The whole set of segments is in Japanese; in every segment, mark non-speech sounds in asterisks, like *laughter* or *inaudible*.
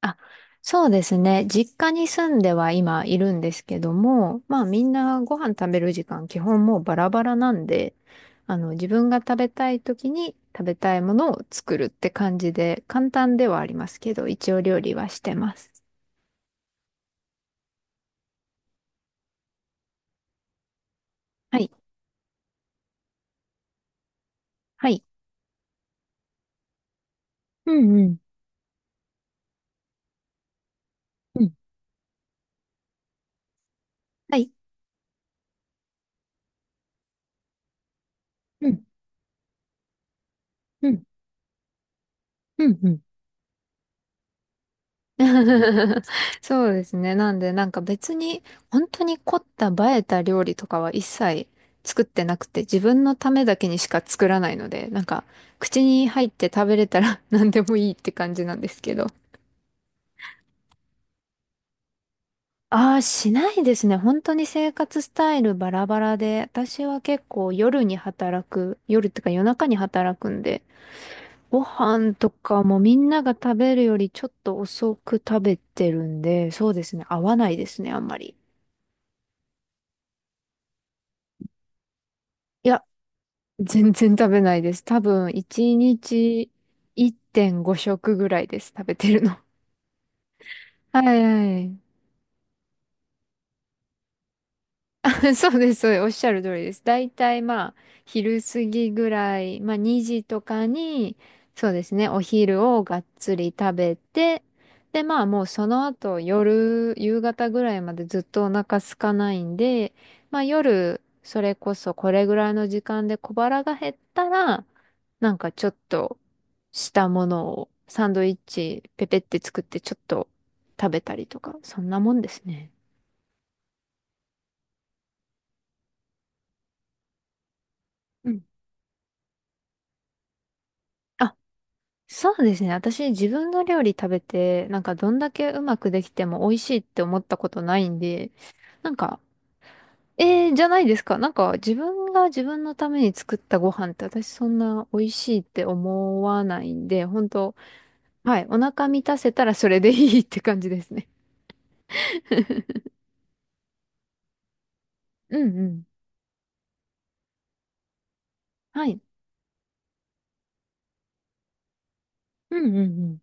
あ、そうですね。実家に住んでは今いるんですけども、まあみんなご飯食べる時間基本もうバラバラなんで、自分が食べたい時に食べたいものを作るって感じで、簡単ではありますけど、一応料理はしてます。はい。はい。うんうん。うん。はい。うん。うん。うん。*laughs* そうですね。なんで、なんか別に、本当に凝った映えた料理とかは一切作ってなくて、自分のためだけにしか作らないので、口に入って食べれたら *laughs* 何でもいいって感じなんですけど。ああ、しないですね。本当に生活スタイルバラバラで、私は結構夜に働く、夜ってか夜中に働くんで、ご飯とかもみんなが食べるよりちょっと遅く食べてるんで、そうですね。合わないですね、あんまり。いや、全然食べないです。多分、1日1.5食ぐらいです。食べてるの。*laughs* はいはい。*laughs* そうです、そうです。おっしゃる通りです。だいたいまあ、昼過ぎぐらい、まあ2時とかに、そうですね、お昼をがっつり食べて、で、まあもうその後夜、夕方ぐらいまでずっとお腹空かないんで、まあ夜、それこそこれぐらいの時間で小腹が減ったら、なんかちょっとしたものをサンドイッチペペって作って、ちょっと食べたりとか、そんなもんですね。うん、そうですね。私、自分の料理食べて、なんかどんだけうまくできても美味しいって思ったことないんで、なんか、じゃないですか。なんか自分が自分のために作ったご飯って私そんな美味しいって思わないんで、本当。はい。お腹満たせたらそれでいいって感じですね。うんうん。はい。うんうん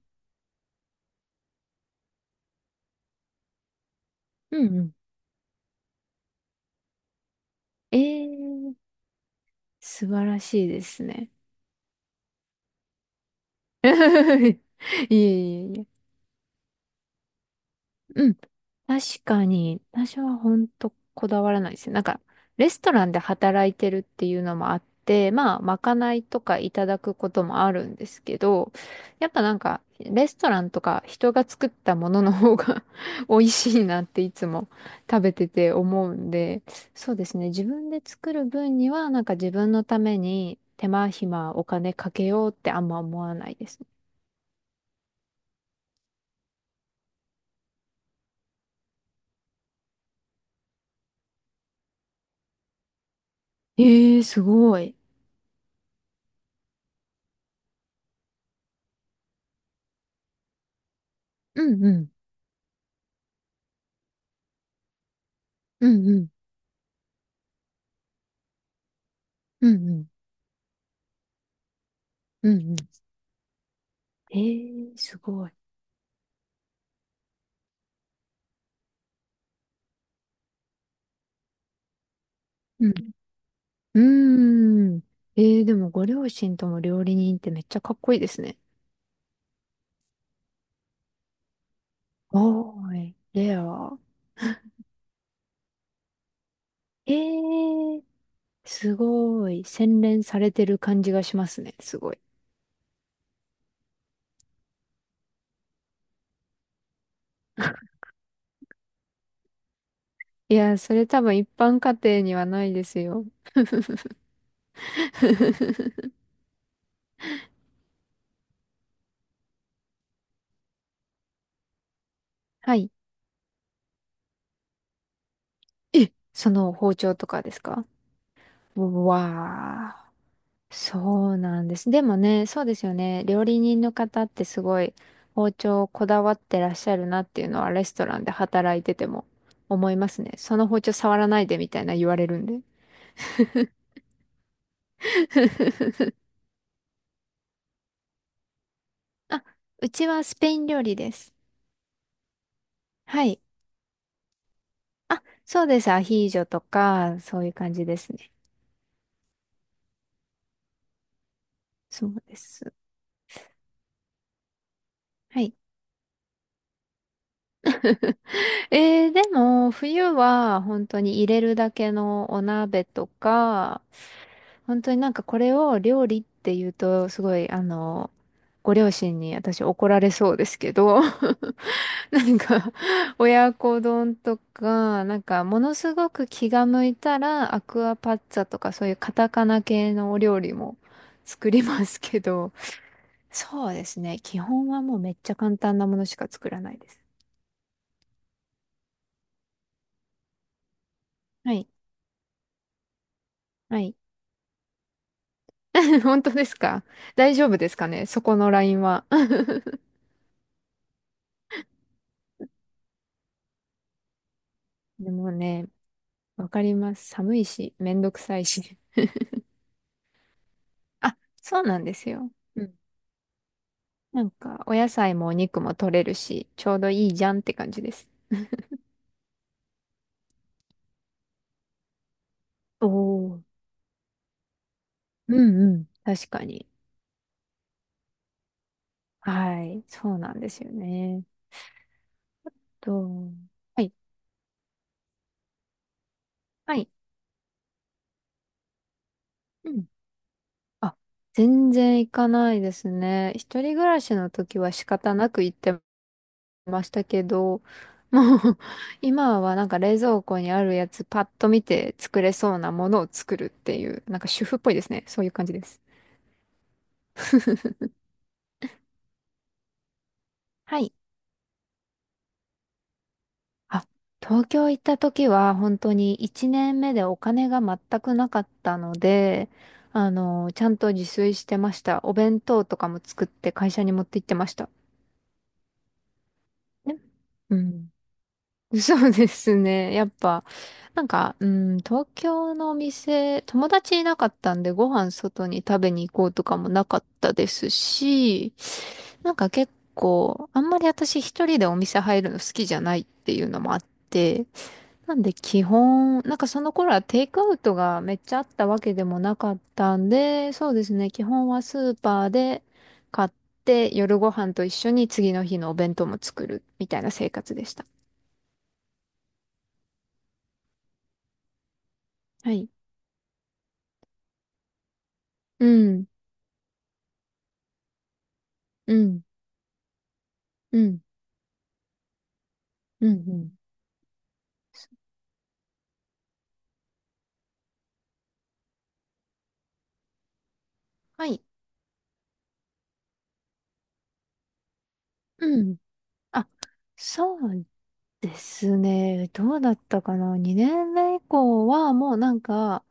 うん。うんうん。えー、素晴らしいですね。*laughs* いえいえいえ。うん、確かに、私は本当こだわらないですね。なんか、レストランで働いてるっていうのもあって、まあ、まかないとかいただくこともあるんですけど、やっぱなんか、レストランとか人が作ったものの方が *laughs* 美味しいなっていつも食べてて思うんで、そうですね。自分で作る分には、なんか自分のために手間暇お金かけようってあんま思わないですね。ええ、すごい。うんうん。うんうん。うんうん。うんうん。ええ、すごい。うん。うーん。えー、でもご両親とも料理人ってめっちゃかっこいいですね。おーい、レア。ええ、すごい。洗練されてる感じがしますね。すごい。いや、それ多分一般家庭にはないですよ。*laughs* はい。え、その包丁とかですか？わあ。そうなんです。でもね、そうですよね。料理人の方ってすごい包丁をこだわってらっしゃるなっていうのはレストランで働いてても思いますね。その包丁触らないでみたいな言われるんで。*laughs* あ、うちはスペイン料理です。はい。あ、そうです。アヒージョとか、そういう感じですね。そうです。はい。えー、でも、冬は本当に入れるだけのお鍋とか、本当になんかこれを料理って言うと、すごい、ご両親に私怒られそうですけど、*laughs* なんか、親子丼とか、なんか、ものすごく気が向いたら、アクアパッツァとか、そういうカタカナ系のお料理も作りますけど、そうですね。基本はもうめっちゃ簡単なものしか作らないです。はい。はい。*laughs* 本当ですか？大丈夫ですかね、そこのラインは。でもね、わかります。寒いし、めんどくさいし。あ、そうなんですよ。うん。なんか、お野菜もお肉も取れるし、ちょうどいいじゃんって感じです。おお、うんうん。確かに。はい。そうなんですよね。と、はい。はい。うん。あ、全然行かないですね。一人暮らしの時は仕方なく行ってましたけど、もう *laughs* 今はなんか冷蔵庫にあるやつパッと見て作れそうなものを作るっていう、なんか主婦っぽいですね。そういう感じです。*laughs* はい。あ、東京行った時は本当に1年目でお金が全くなかったので、あの、ちゃんと自炊してました。お弁当とかも作って会社に持って行ってました。ね、うん。*laughs* そうですね。やっぱ、なんか、うん、東京のお店、友達いなかったんでご飯外に食べに行こうとかもなかったですし、なんか結構、あんまり私一人でお店入るの好きじゃないっていうのもあって、なんで基本、なんかその頃はテイクアウトがめっちゃあったわけでもなかったんで、そうですね、基本はスーパーで買って夜ご飯と一緒に次の日のお弁当も作るみたいな生活でした。はい。うん、うん、うん、うん、うん。はい。うん。あ、そうですね。どうだったかな？ 2 年目以降はもうなんか、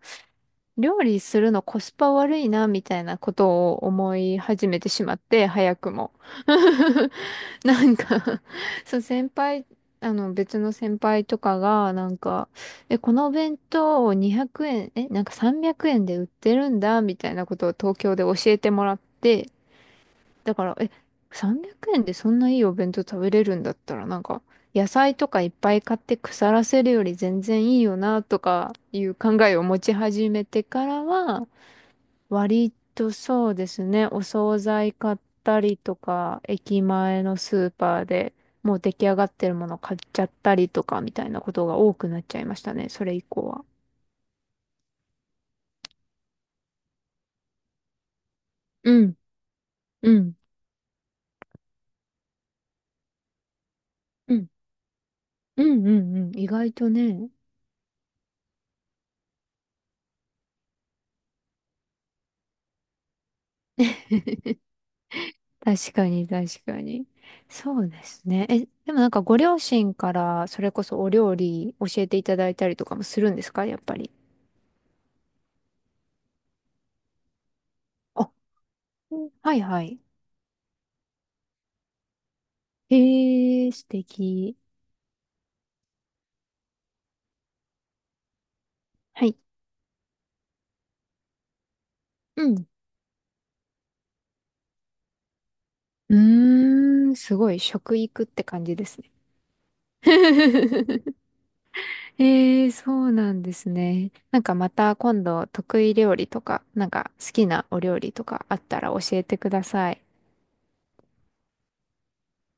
料理するのコスパ悪いな、みたいなことを思い始めてしまって、早くも。*laughs* なんかそう、先輩、別の先輩とかが、え、このお弁当を200円、え、なんか300円で売ってるんだ、みたいなことを東京で教えてもらって、だから、え、300円でそんないいお弁当食べれるんだったら、なんか、野菜とかいっぱい買って腐らせるより全然いいよな、とかいう考えを持ち始めてからは、割とそうですね、お惣菜買ったりとか、駅前のスーパーでもう出来上がってるもの買っちゃったりとか、みたいなことが多くなっちゃいましたね、それ以降は。うん、うん、うん、うん、うん、うん、意外とね。*laughs* 確かに、確かに。そうですね。え、でもなんかご両親からそれこそお料理教えていただいたりとかもするんですか、やっぱり。あ、うん、はいはい。へえ、素敵。はい。うん。うーん、すごい食育って感じですね。*laughs* ええ、そうなんですね。なんかまた今度得意料理とか、なんか好きなお料理とかあったら教えてください。